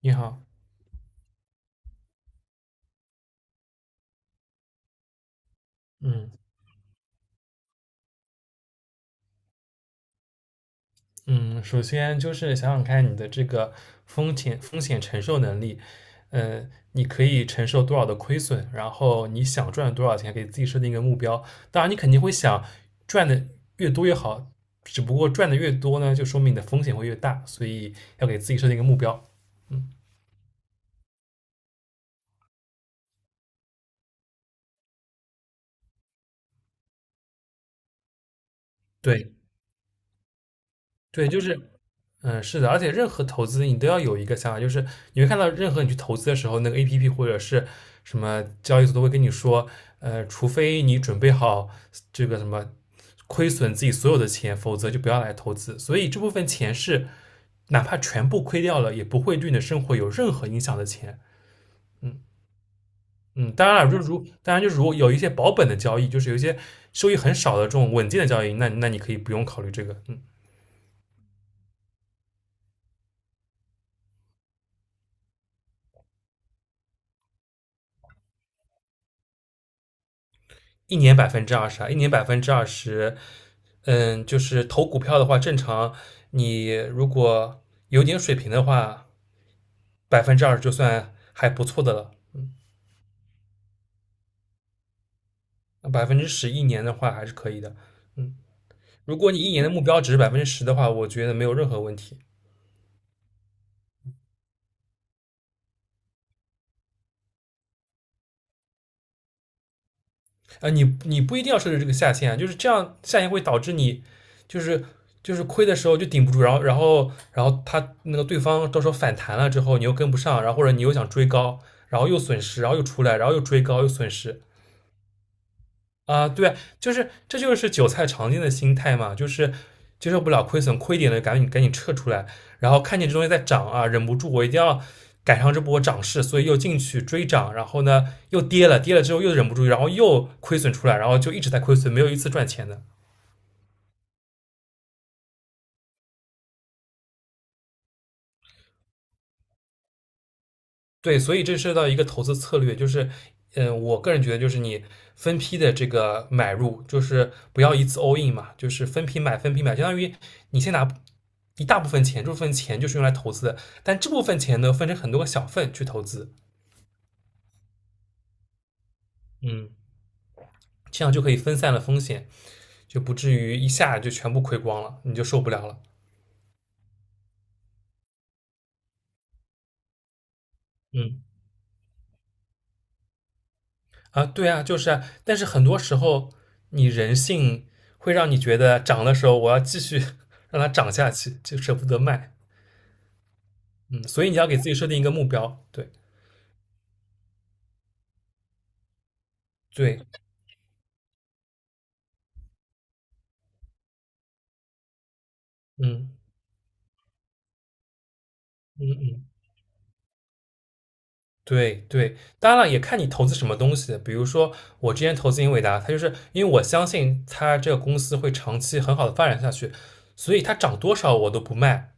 你好。嗯嗯，首先就是想想看你的这个风险承受能力，你可以承受多少的亏损，然后你想赚多少钱，给自己设定一个目标。当然，你肯定会想赚的越多越好，只不过赚的越多呢，就说明你的风险会越大，所以要给自己设定一个目标。嗯，对。对，就是，是的，而且任何投资你都要有一个想法，就是你会看到任何你去投资的时候，那个 APP 或者是什么交易所都会跟你说，除非你准备好这个什么亏损自己所有的钱，否则就不要来投资。所以这部分钱是哪怕全部亏掉了，也不会对你的生活有任何影响的钱。嗯嗯，当然了，就如当然就如果有一些保本的交易，就是有一些收益很少的这种稳健的交易，那你可以不用考虑这个。嗯一年百分之二十啊，一年百分之二十，嗯，就是投股票的话，正常你如果有点水平的话，百分之二十就算还不错的了。百分之十一年的话还是可以的。如果你一年的目标值是百分之十的话，我觉得没有任何问题。你不一定要设置这个下限啊，就是这样下限会导致你就是就是亏的时候就顶不住，然后他那个对方到时候反弹了之后，你又跟不上，然后或者你又想追高，然后又损失，然后又出来，然后又追高又损失，对啊，这就是韭菜常见的心态嘛，就是接受不了亏损，亏一点的赶紧赶紧撤出来，然后看见这东西在涨啊，忍不住我一定要赶上这波涨势，所以又进去追涨，然后呢又跌了，跌了之后又忍不住，然后又亏损出来，然后就一直在亏损，没有一次赚钱的。对，所以这涉及到一个投资策略，就是，我个人觉得就是你分批的这个买入，就是不要一次 all in 嘛，就是分批买，分批买，相当于你先拿一大部分钱，这部分钱就是用来投资的，但这部分钱呢分成很多个小份去投资，嗯，这样就可以分散了风险，就不至于一下就全部亏光了，你就受不了了。嗯。对啊，就是啊，但是很多时候你人性会让你觉得涨的时候我要继续 让它涨下去，就舍不得卖，嗯，所以你要给自己设定一个目标。对对，嗯嗯嗯，对对，当然了，也看你投资什么东西，比如说我之前投资英伟达，它就是因为我相信它这个公司会长期很好的发展下去，所以它涨多少我都不卖，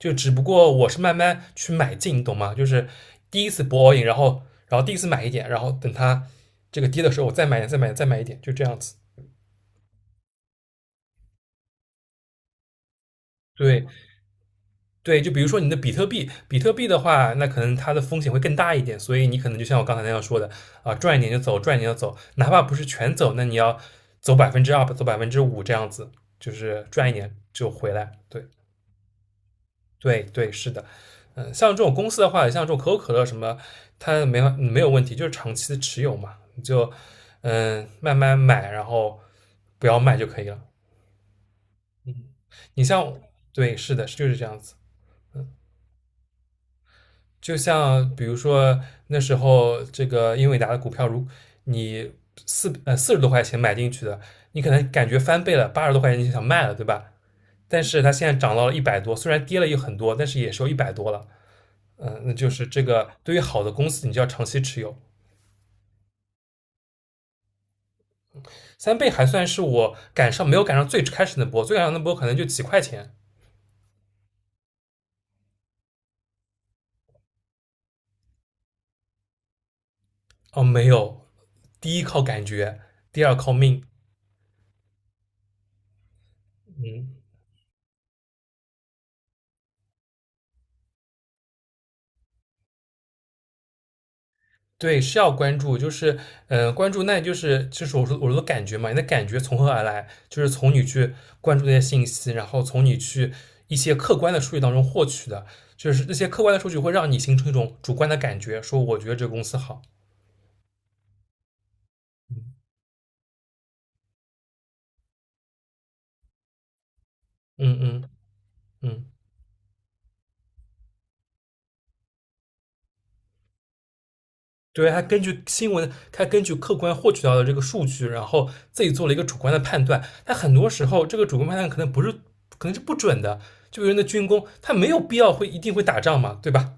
就只不过我是慢慢去买进，你懂吗？就是第一次博 a in，然后然后第一次买一点，然后等它这个跌的时候，我再买点，再买点，再买一点，就这样子。对对，就比如说你的比特币，比特币的话，那可能它的风险会更大一点，所以你可能就像我刚才那样说的赚一点就走，赚一点就走，哪怕不是全走，那你要走百分之二，走5%这样子，就是赚一点就回来。对。对对，是的，像这种公司的话，像这种可口可乐什么，它没有问题，就是长期的持有嘛，你就慢慢买，然后不要卖就可以了。你像，对，是的，就是这样子。就像比如说那时候这个英伟达的股票，如你40多块钱买进去的，你可能感觉翻倍了，80多块钱你就想卖了，对吧？但是它现在涨到了一百多，虽然跌了也很多，但是也收有一百多了。那就是这个对于好的公司，你就要长期持有。3倍还算是我没有赶上最开始那波，最赶上那波可能就几块钱。哦，没有。第一靠感觉，第二靠命。嗯，对，是要关注，就是关注那就是我说的感觉嘛，你的感觉从何而来？就是从你去关注那些信息，然后从你去一些客观的数据当中获取的，就是那些客观的数据会让你形成一种主观的感觉，说我觉得这个公司好。嗯嗯嗯。嗯对，他根据新闻，他根据客观获取到的这个数据，然后自己做了一个主观的判断。但很多时候，这个主观判断可能不是，可能是不准的。就比如那军工，他没有必要会一定会打仗嘛，对吧？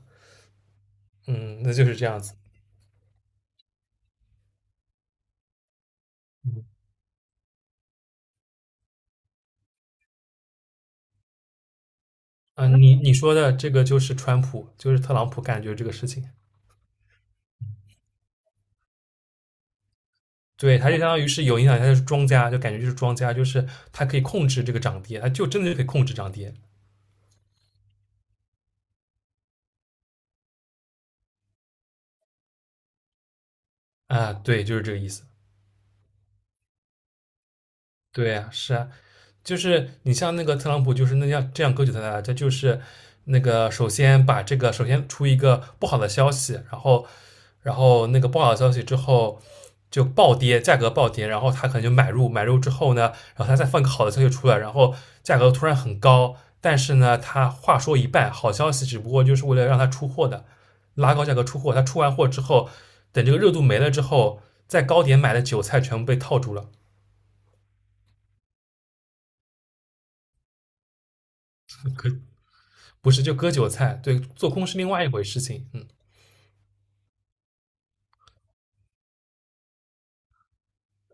嗯，那就是这样子。嗯，你你说的这个就是川普，就是特朗普感觉这个事情。对，他就相当于是有影响，他就是庄家，就感觉就是庄家，就是他可以控制这个涨跌，他就真的就可以控制涨跌。对，就是这个意思。对啊，是啊，就是你像那个特朗普，就是那样这样割韭菜的，他就是那个首先把这个首先出一个不好的消息，然后然后那个不好的消息之后就暴跌，价格暴跌，然后他可能就买入，买入之后呢，然后他再放个好的消息出来，然后价格突然很高，但是呢，他话说一半，好消息只不过就是为了让他出货的，拉高价格出货，他出完货之后，等这个热度没了之后，在高点买的韭菜全部被套住了。可不是，就割韭菜。对，做空是另外一回事情。嗯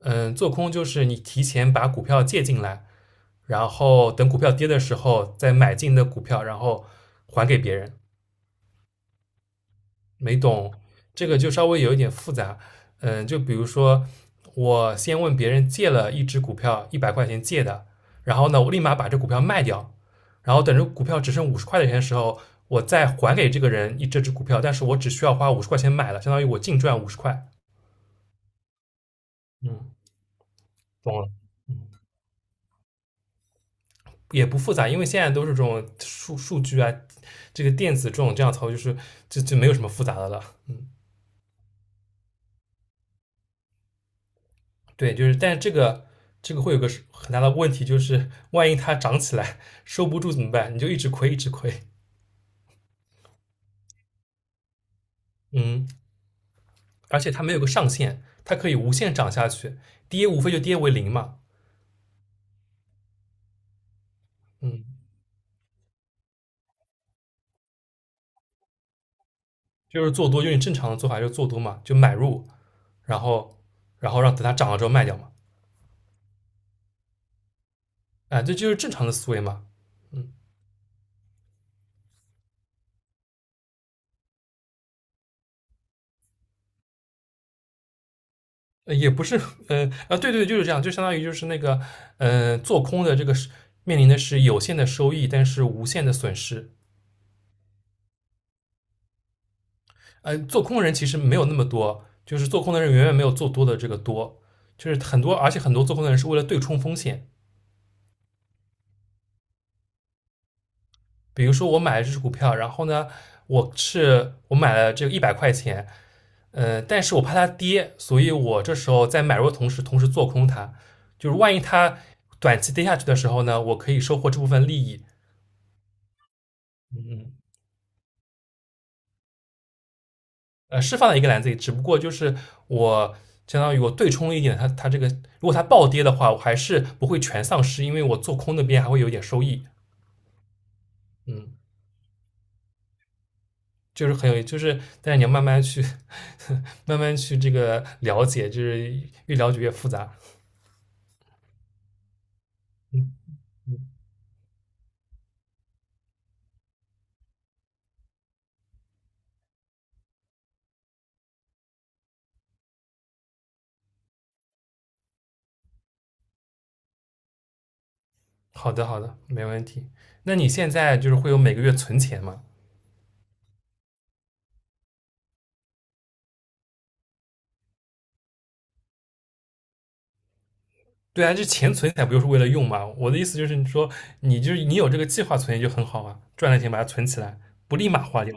嗯，做空就是你提前把股票借进来，然后等股票跌的时候再买进的股票，然后还给别人。没懂这个就稍微有一点复杂。就比如说我先问别人借了一只股票一百块钱借的，然后呢我立马把这股票卖掉，然后等着股票只剩五十块钱的时候，我再还给这个人一这只股票，但是我只需要花五十块钱买了，相当于我净赚五十块。嗯，懂了。嗯。也不复杂，因为现在都是这种数据啊，这个电子这种这样操作，就是就没有什么复杂的了。嗯，对，就是，但是这个会有个很大的问题，就是万一它涨起来收不住怎么办？你就一直亏，一直亏。嗯，而且它没有个上限，它可以无限涨下去，跌无非就跌为零嘛。嗯，就是做多，用你正常的做法就是做多嘛，就买入，然后然后让等它涨了之后卖掉嘛。这就是正常的思维嘛。也不是，对对，就是这样，就相当于就是那个，做空的这个是面临的是有限的收益，但是无限的损失。做空的人其实没有那么多，就是做空的人远远没有做多的这个多，就是很多，而且很多做空的人是为了对冲风险。比如说我买了这只股票，然后呢，我买了这个一百块钱，但是我怕它跌，所以我这时候在买入的同时，同时做空它，就是万一它短期跌下去的时候呢，我可以收获这部分利益。嗯嗯。是放在一个篮子里，只不过就是我相当于我对冲了一点它这个，如果它暴跌的话，我还是不会全丧失，因为我做空那边还会有点收益。嗯，就是很有，就是但是你要慢慢去 慢慢去这个了解，就是越了解越复杂。嗯嗯，好的好的，没问题。那你现在就是会有每个月存钱吗？对啊，这钱存起来不就是为了用吗？我的意思就是，你说你就是你有这个计划存钱就很好啊，赚了钱把它存起来，不立马花掉。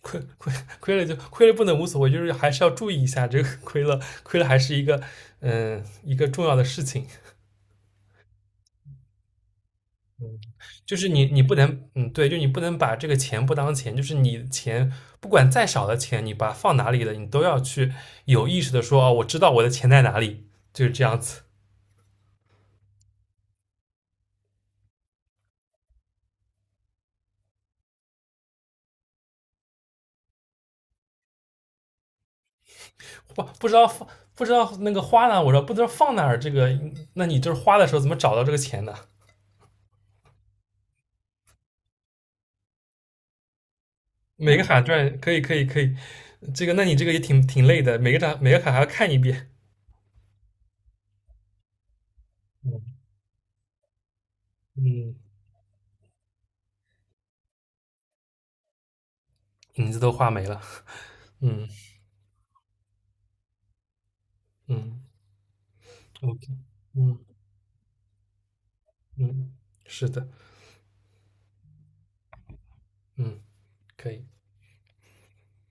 亏亏亏了就亏了不能无所谓，就是还是要注意一下这个亏了还是一个一个重要的事情，就是你不能对，就你不能把这个钱不当钱，就是你钱不管再少的钱，你把它放哪里了，你都要去有意识的说哦，我知道我的钱在哪里，就是这样子。不不知道放不知道那个花呢？我说不知道放哪儿，这个那你就是花的时候怎么找到这个钱呢？每个卡赚可以可以可以，这个那你这个也挺累的，每个卡每个卡还要看一遍。嗯嗯，影子都画没了。嗯嗯，OK，嗯嗯，是的，嗯，可以。